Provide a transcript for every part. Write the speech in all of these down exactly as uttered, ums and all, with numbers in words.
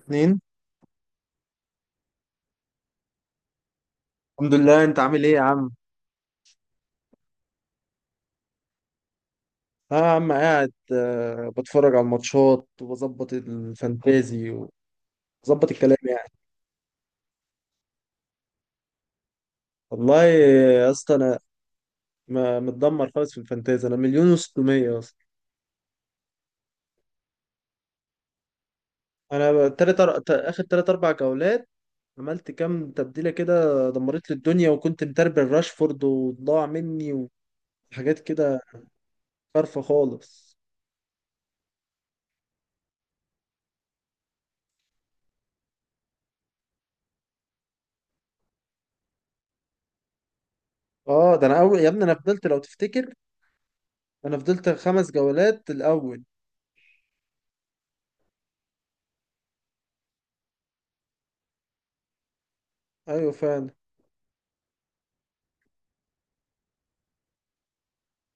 اتنين. الحمد لله، انت عامل ايه يا عم؟ اه يا عم، قاعد آه، بتفرج على الماتشات وبظبط الفانتازي وبظبط الكلام يعني. والله يا اسطى، انا ما- متدمر خالص في الفانتازي، انا مليون و600 اصلا. انا ب- تلات أر... ت- اخر تلات اربع جولات عملت كام تبديلة كده، دمرت لي الدنيا، وكنت متربل راشفورد وضاع مني وحاجات كده، خارفة خالص. اه، ده انا اول يا ابني، انا فضلت لو تفتكر، انا فضلت خمس جولات الاول. ايوه فعلا.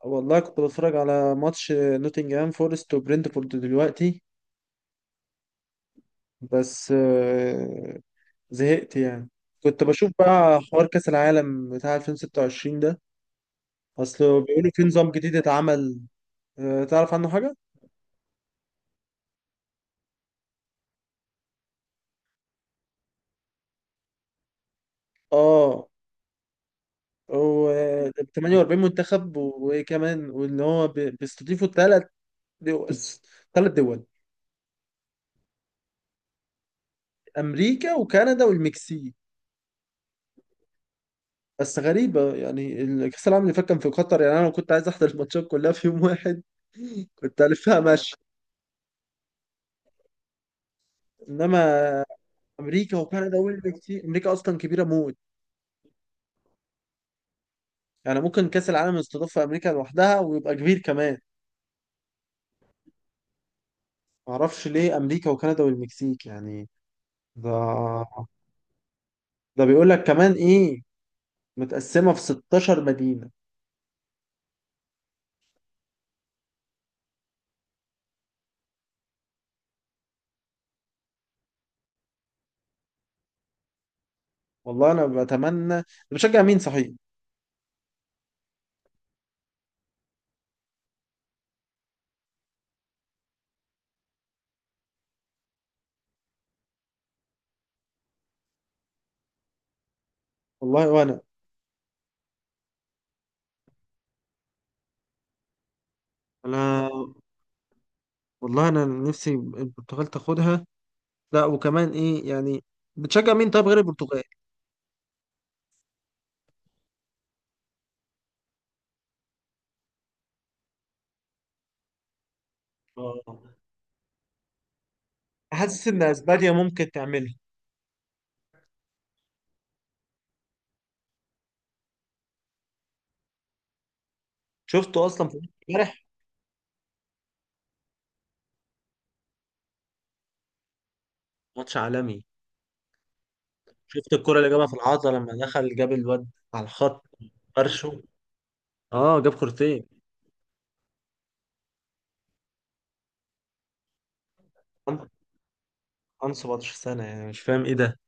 والله كنت بتفرج على ماتش نوتنجهام فورست وبرنتفورد دلوقتي. بس آه، زهقت يعني. كنت بشوف بقى حوار كأس العالم بتاع ألفين وستة وعشرين ده، اصل بيقولوا في نظام جديد اتعمل. آه، تعرف عنه حاجة؟ اه، هو ثمانية وأربعين منتخب، وكمان وان هو بي- بيستضيفوا ثلاث دول ثلاث دول، امريكا وكندا والمكسيك. بس غريبة يعني، ال- كأس العالم اللي فات كان في قطر، يعني انا لو كنت عايز احضر الماتشات كلها في يوم واحد كنت ألفها ماشي. إنما أمريكا وكندا أول بكتير، أمريكا أصلا كبيرة موت. يعني ممكن كأس العالم يستضاف في أمريكا لوحدها ويبقى كبير كمان. معرفش ليه أمريكا وكندا والمكسيك يعني. ده ده بيقول لك كمان إيه، متقسمة في ستاشر مدينة. والله أنا بتمنى، أنا بشجع مين صحيح؟ والله وأنا أنا، والله أنا نفسي البرتغال تاخدها. لا، وكمان إيه يعني، بتشجع مين طيب غير البرتغال؟ آه. حاسس إن أسبانيا ممكن تعملها. شفته أصلا في امبارح، ماتش عالمي. شفت الكرة اللي جابها في العارضة لما دخل، جاب الواد على الخط، فرشه. اه، جاب كورتين. عنده عنده سبعتاشر سنة، يعني مش فاهم ايه ده.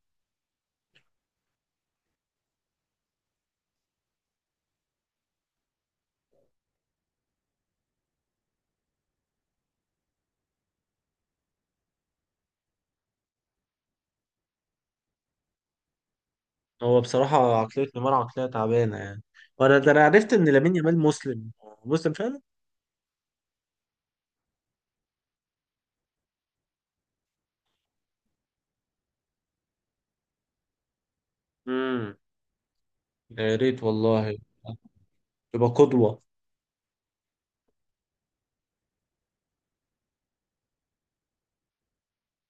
هو بصراحة عقلية نيمار عقلية تعبانة يعني. وانا ده، انا عرفت ان لامين يامال مسلم، مسلم فعلا. امم يا ريت والله، يبقى قدوة.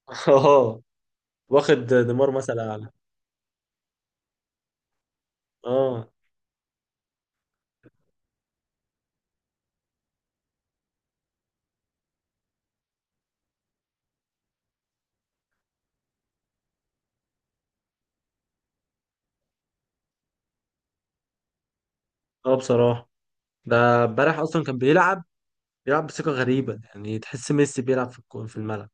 اه، واخد نيمار مثل اعلى. اه، اه، بصراحة، ده امبارح اصلا كان بيلعب بيلعب بثقة غريبة، يعني تحس ميسي بيلعب في الكو- في الملعب.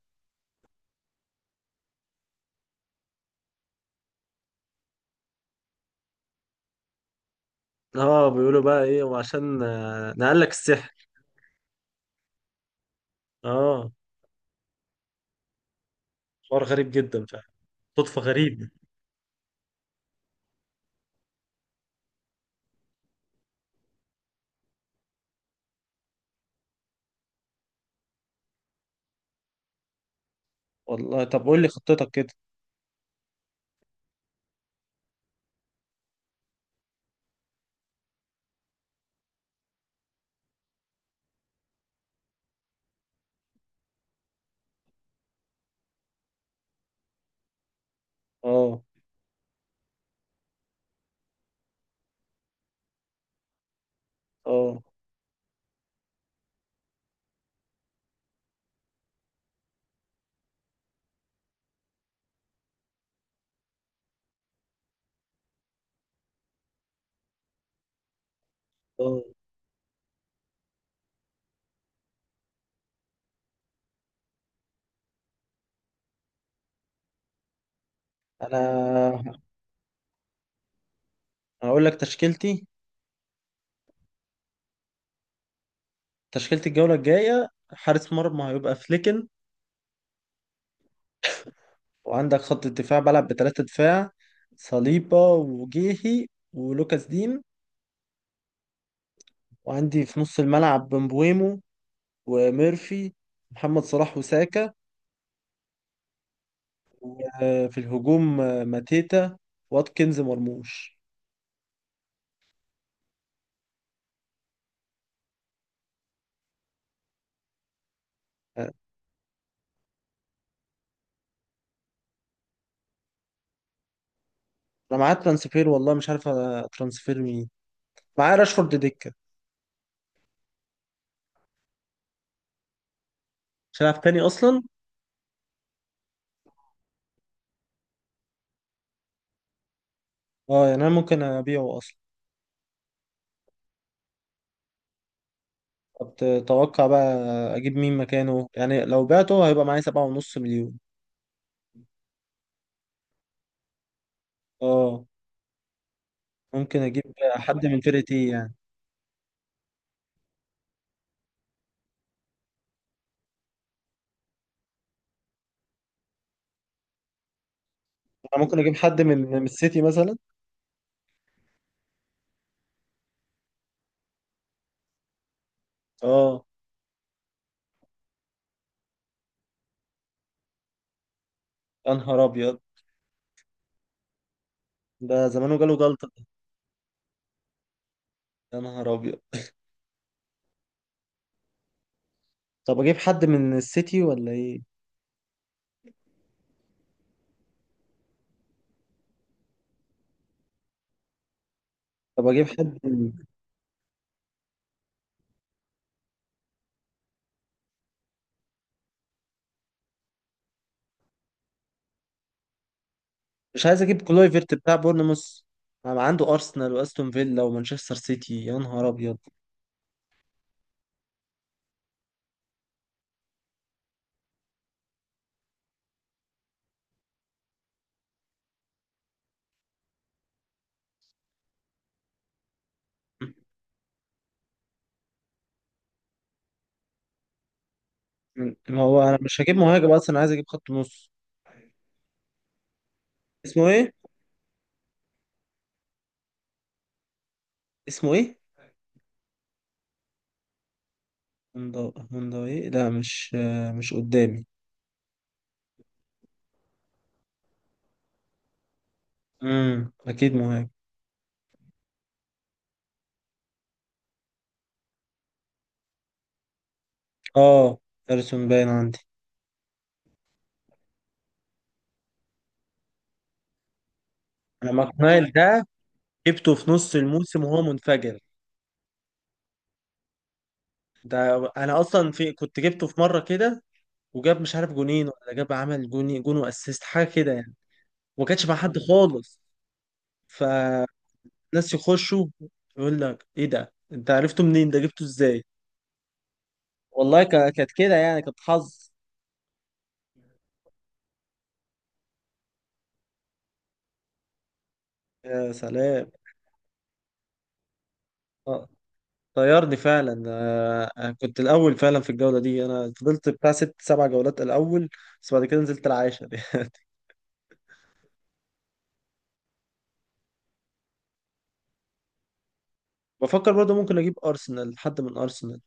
اه، بيقولوا بقى ايه، وعشان آه، نقلك السحر. اه، حوار غريب جدا فعلا، صدفة غريبة. والله طب قول لي خطتك كده. اه، اه، اه، انا هقول لك تشكيلتي. تشكيلة الجولة الجاية: حارس مرمى هيبقى فليكن، وعندك خط الدفاع بلعب بثلاثة دفاع، صليبة وجيهي ولوكاس دين. وعندي في نص الملعب بمبويمو وميرفي، محمد صلاح وساكا. وفي الهجوم آه، ماتيتا واتكنز مرموش. انا معاه ترانسفير، والله مش عارف ترانسفير مين. معاه راشفورد دكة، مش هيلعب تاني اصلا. اه يعني انا ممكن ابيعه اصلا. طب تتوقع بقى اجيب مين مكانه يعني؟ لو بعته هيبقى معايا سبعة ونص مليون. اه، ممكن اجيب حد من فرقتي يعني. انا ممكن اجيب حد من من السيتي مثلا. اه، يا نهار ابيض، ده زمانه جاله جلطة. يا نهار ابيض، طب اجيب حد من السيتي ولا ايه؟ طب اجيب حد، مش عايز اجيب كلويفرت بتاع بورنموث، ما عنده ارسنال واستون فيلا ومانشستر سيتي، يا نهار ابيض. م- ما هو انا مش هجيب مهاجم اصلا، انا عايز اجيب خط نص. اسمه ايه؟ اسمه ايه؟ هوندا، هوندا ايه؟ لا مش آه، مش قدامي. امم اكيد مهاجم. اه، ارسون باين عندي. انا ماكنايل ده جبته في نص الموسم وهو منفجر. ده انا اصلا في كنت جبته في مره كده، وجاب مش عارف جونين، ولا جاب عمل جوني جون واسيست حاجه كده يعني، وما كانش مع حد خالص. ف ناس يخشوا، يقول لك ايه ده، انت عرفته منين، ده جبته ازاي؟ والله كا- كانت كده يعني، كانت حظ. يا سلام. آه، طيرني فعلا، آه، أنا كنت الاول فعلا في الجوله دي، انا فضلت بتاع ست سبع جولات الاول، بس بعد كده نزلت العاشر يعني. بفكر برضه ممكن اجيب ارسنال، حد من ارسنال.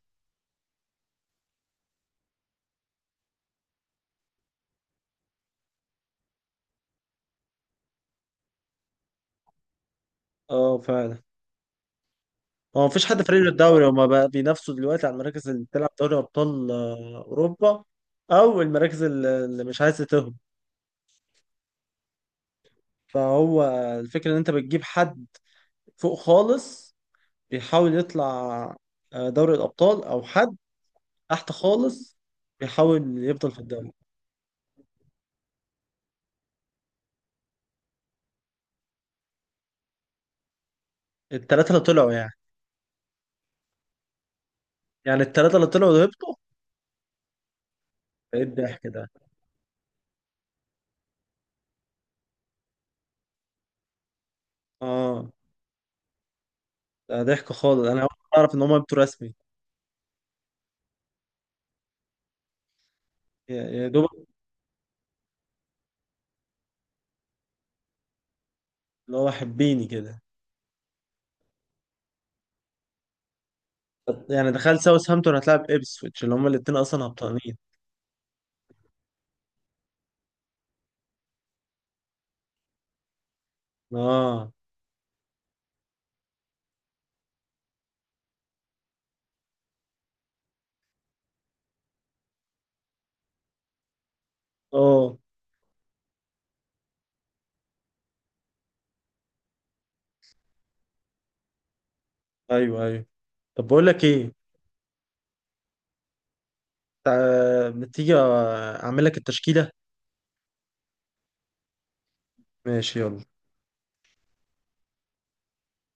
اه فعلا. هو مفيش حد فريق الدوري، هما بقى بينافسوا دلوقتي على المراكز اللي بتلعب دوري ابطال آه، اوروبا، او المراكز اللي اللي مش عايزه تهبط. فهو الفكرة ان انت بتجيب حد فوق خالص بيحاول يطلع آه، دوري الأبطال، أو حد تحت خالص بيحاول يفضل في الدوري. التلاتة اللي طلعوا يعني، يعني التلاتة اللي طلعوا وهبطوا. ايه الضحك ده؟ اه، ده ضحك خالص، انا أول مرة اعرف ان هم هبطوا رسمي. يا يا دوب اللي هو حبيني كده، يعني دخلت ساوثهامبتون هتلعب ابسويتش اللي هم الاتنين اصلا هبطانين. اه، اه، ايوه، ايوه. طب بقول لك ايه، تع- ما تيجي اعمل لك التشكيلة. ماشي، يلا.